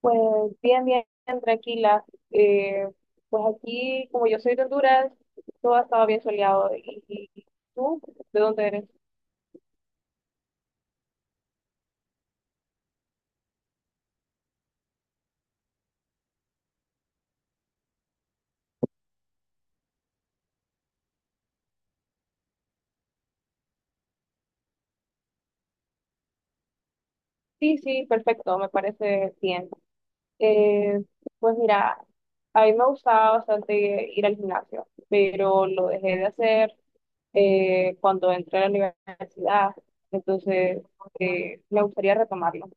Pues bien, bien, tranquila. Eh, pues aquí, como yo soy de Honduras, todo ha estado bien soleado. ¿Y tú? ¿De dónde eres? Sí, sí, perfecto, me parece bien. Eh, pues mira, a mí me gustaba bastante ir al gimnasio, pero lo dejé de hacer cuando entré a la universidad. Entonces, me gustaría retomarlo.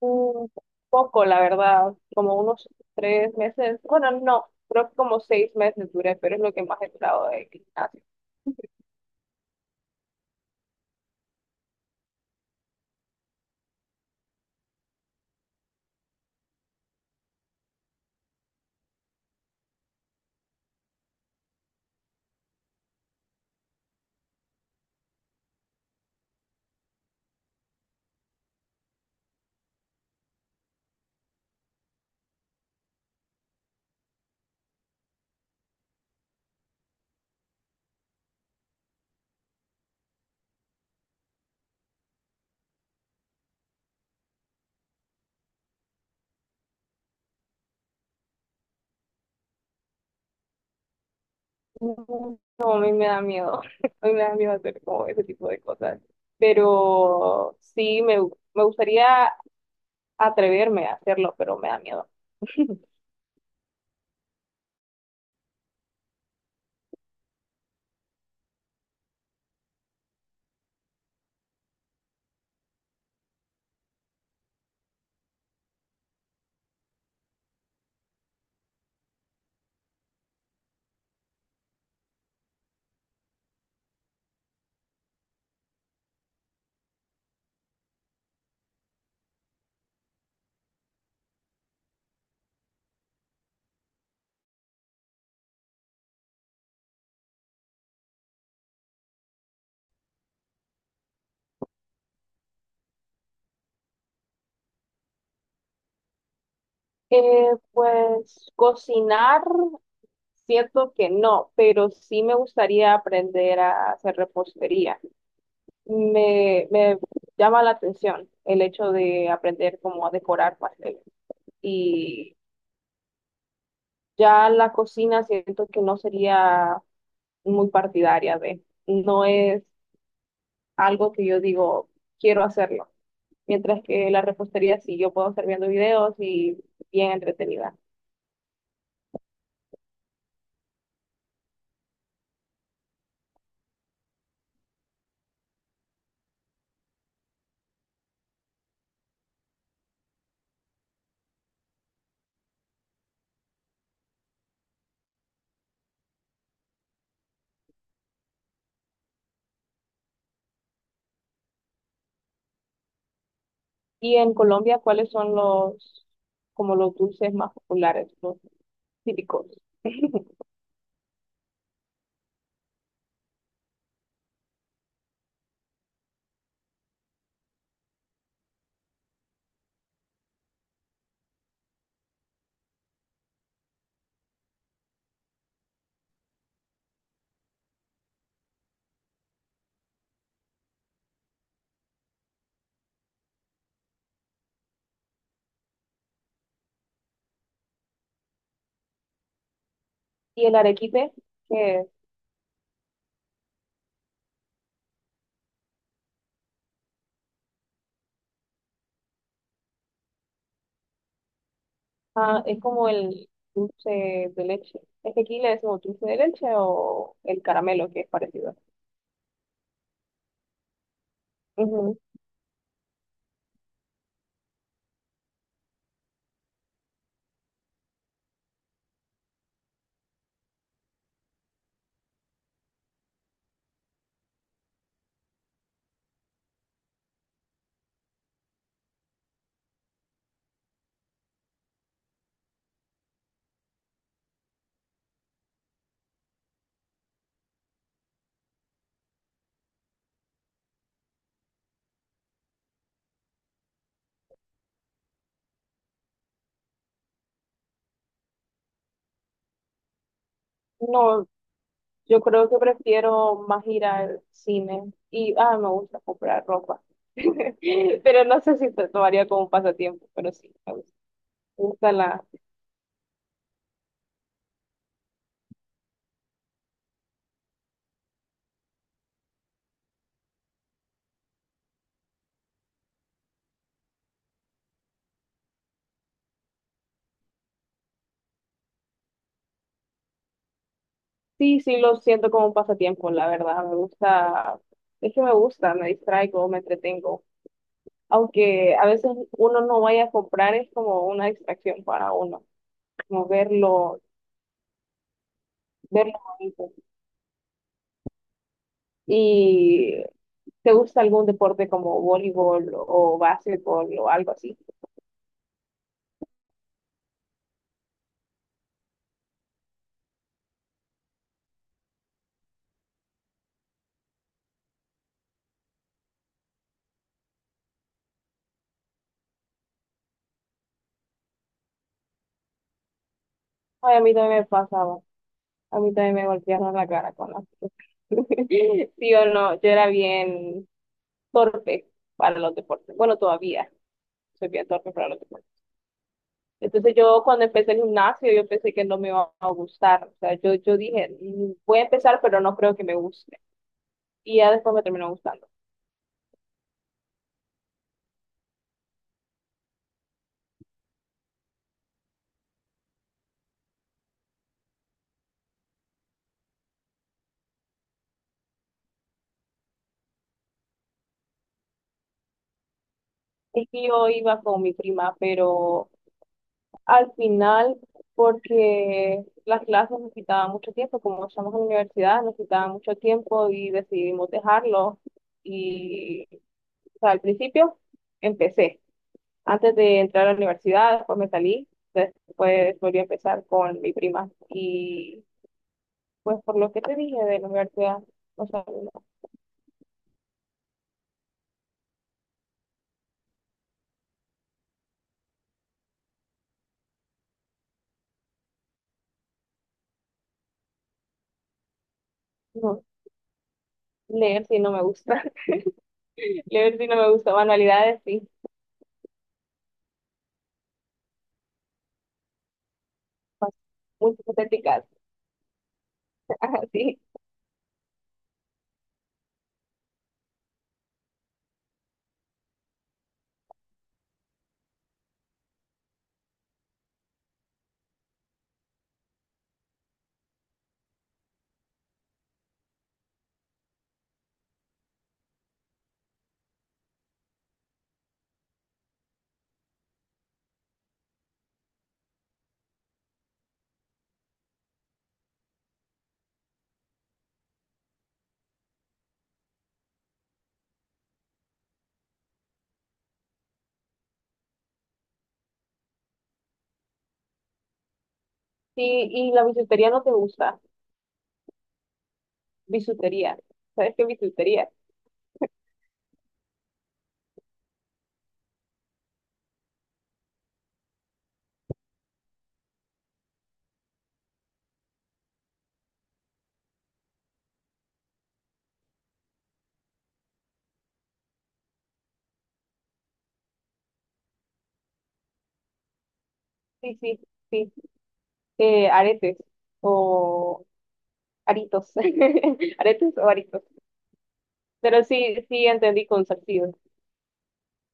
Mm, Poco, la verdad, como unos 3 meses, bueno, no, creo que como 6 meses duré, pero es lo que más he durado de gimnasio. No, a mí me da miedo, a mí me da miedo hacer como ese tipo de cosas, pero sí, me gustaría atreverme a hacerlo, pero me da miedo. Pues cocinar, siento que no, pero sí me gustaría aprender a hacer repostería. Me llama la atención el hecho de aprender cómo a decorar pasteles y ya la cocina siento que no sería muy partidaria de, no es algo que yo digo, quiero hacerlo. Mientras que la repostería sí, yo puedo estar viendo videos y bien entretenida. Y en Colombia, ¿cuáles son los, como los dulces más populares, los típicos? ¿Y el arequipe, que es? Ah, es como el dulce de leche. Es que aquí le decimos dulce de leche o el caramelo, que es parecido. Ujú. No, yo creo que prefiero más ir al cine y, ah, me gusta comprar ropa. Pero no sé si te tomaría como un pasatiempo, pero sí, me gusta la... Sí, sí, lo siento como un pasatiempo, la verdad, me gusta, es que me gusta, me distraigo, me entretengo. Aunque a veces uno no vaya a comprar, es como una distracción para uno, como verlo, verlo bonito. ¿Y te gusta algún deporte como voleibol o básquetbol o algo así? Ay, a mí también me pasa. A mí también me golpearon la cara con la... Sí o no, yo era bien torpe para los deportes. Bueno, todavía soy bien torpe para los deportes. Entonces yo cuando empecé el gimnasio, yo pensé que no me iba a gustar. O sea, yo dije, Voy a empezar, pero no creo que me guste". Y ya después me terminó gustando. Es que yo iba con mi prima, pero al final, porque las clases nos quitaban mucho tiempo, como estamos en la universidad, nos quitaban mucho tiempo y decidimos dejarlo. Y, o sea, al principio empecé, antes de entrar a la universidad, después me salí, después volví a empezar con mi prima. Y pues por lo que te dije de la universidad, o sea, no, no, leer sí no me gusta, leer sí no me gusta, manualidades sí, pas- muy hipotéticas. Ajá, sí. Sí, y la bisutería no te gusta, bisutería, ¿sabes qué es bisutería? Sí, sí, sí. Aretes o aritos. Aretes o aritos. Pero sí, sí entendí con salsido.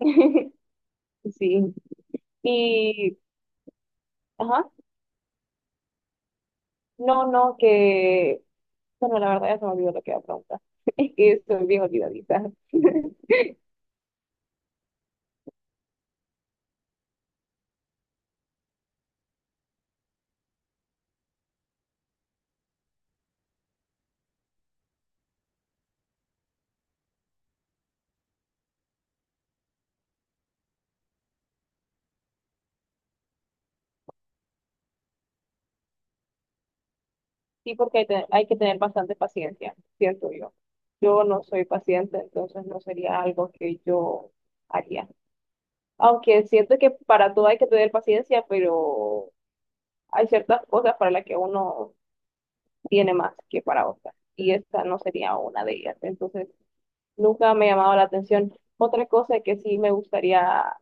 Sí. Y, ajá. No, no, que. Bueno, la verdad ya se me olvidó lo que iba a preguntar. Es que soy bien olvidadiza. Sí, porque hay, te- hay que tener bastante paciencia, ¿cierto yo? Yo no soy paciente, entonces no sería algo que yo haría. Aunque siento que para todo hay que tener paciencia, pero hay ciertas cosas para las que uno tiene más que para otras. Y esta no sería una de ellas. Entonces, nunca me ha llamado la atención. Otra cosa que sí me gustaría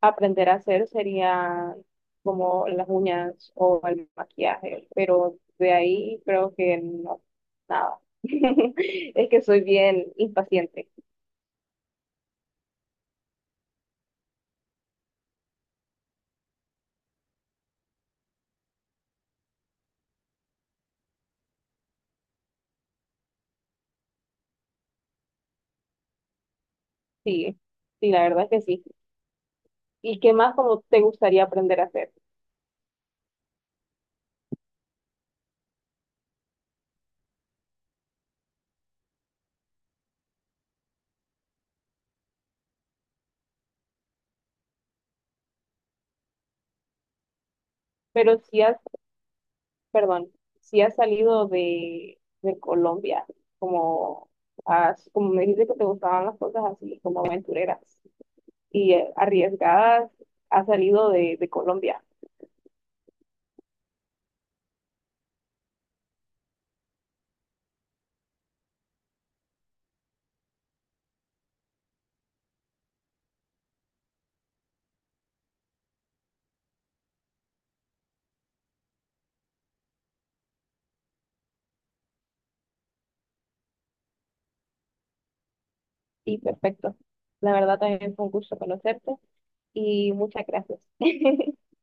aprender a hacer sería como las uñas o el maquillaje, pero de ahí creo que no, nada. Es que soy bien impaciente, sí, sí, la verdad es que sí. ¿Y qué más como te gustaría aprender a hacer? Pero si has, perdón, si has salido de Colombia, como, como me dijiste que te gustaban las cosas así, como aventureras y arriesgadas, has salido de, Colombia. Sí, perfecto. La verdad también fue un gusto conocerte y muchas gracias.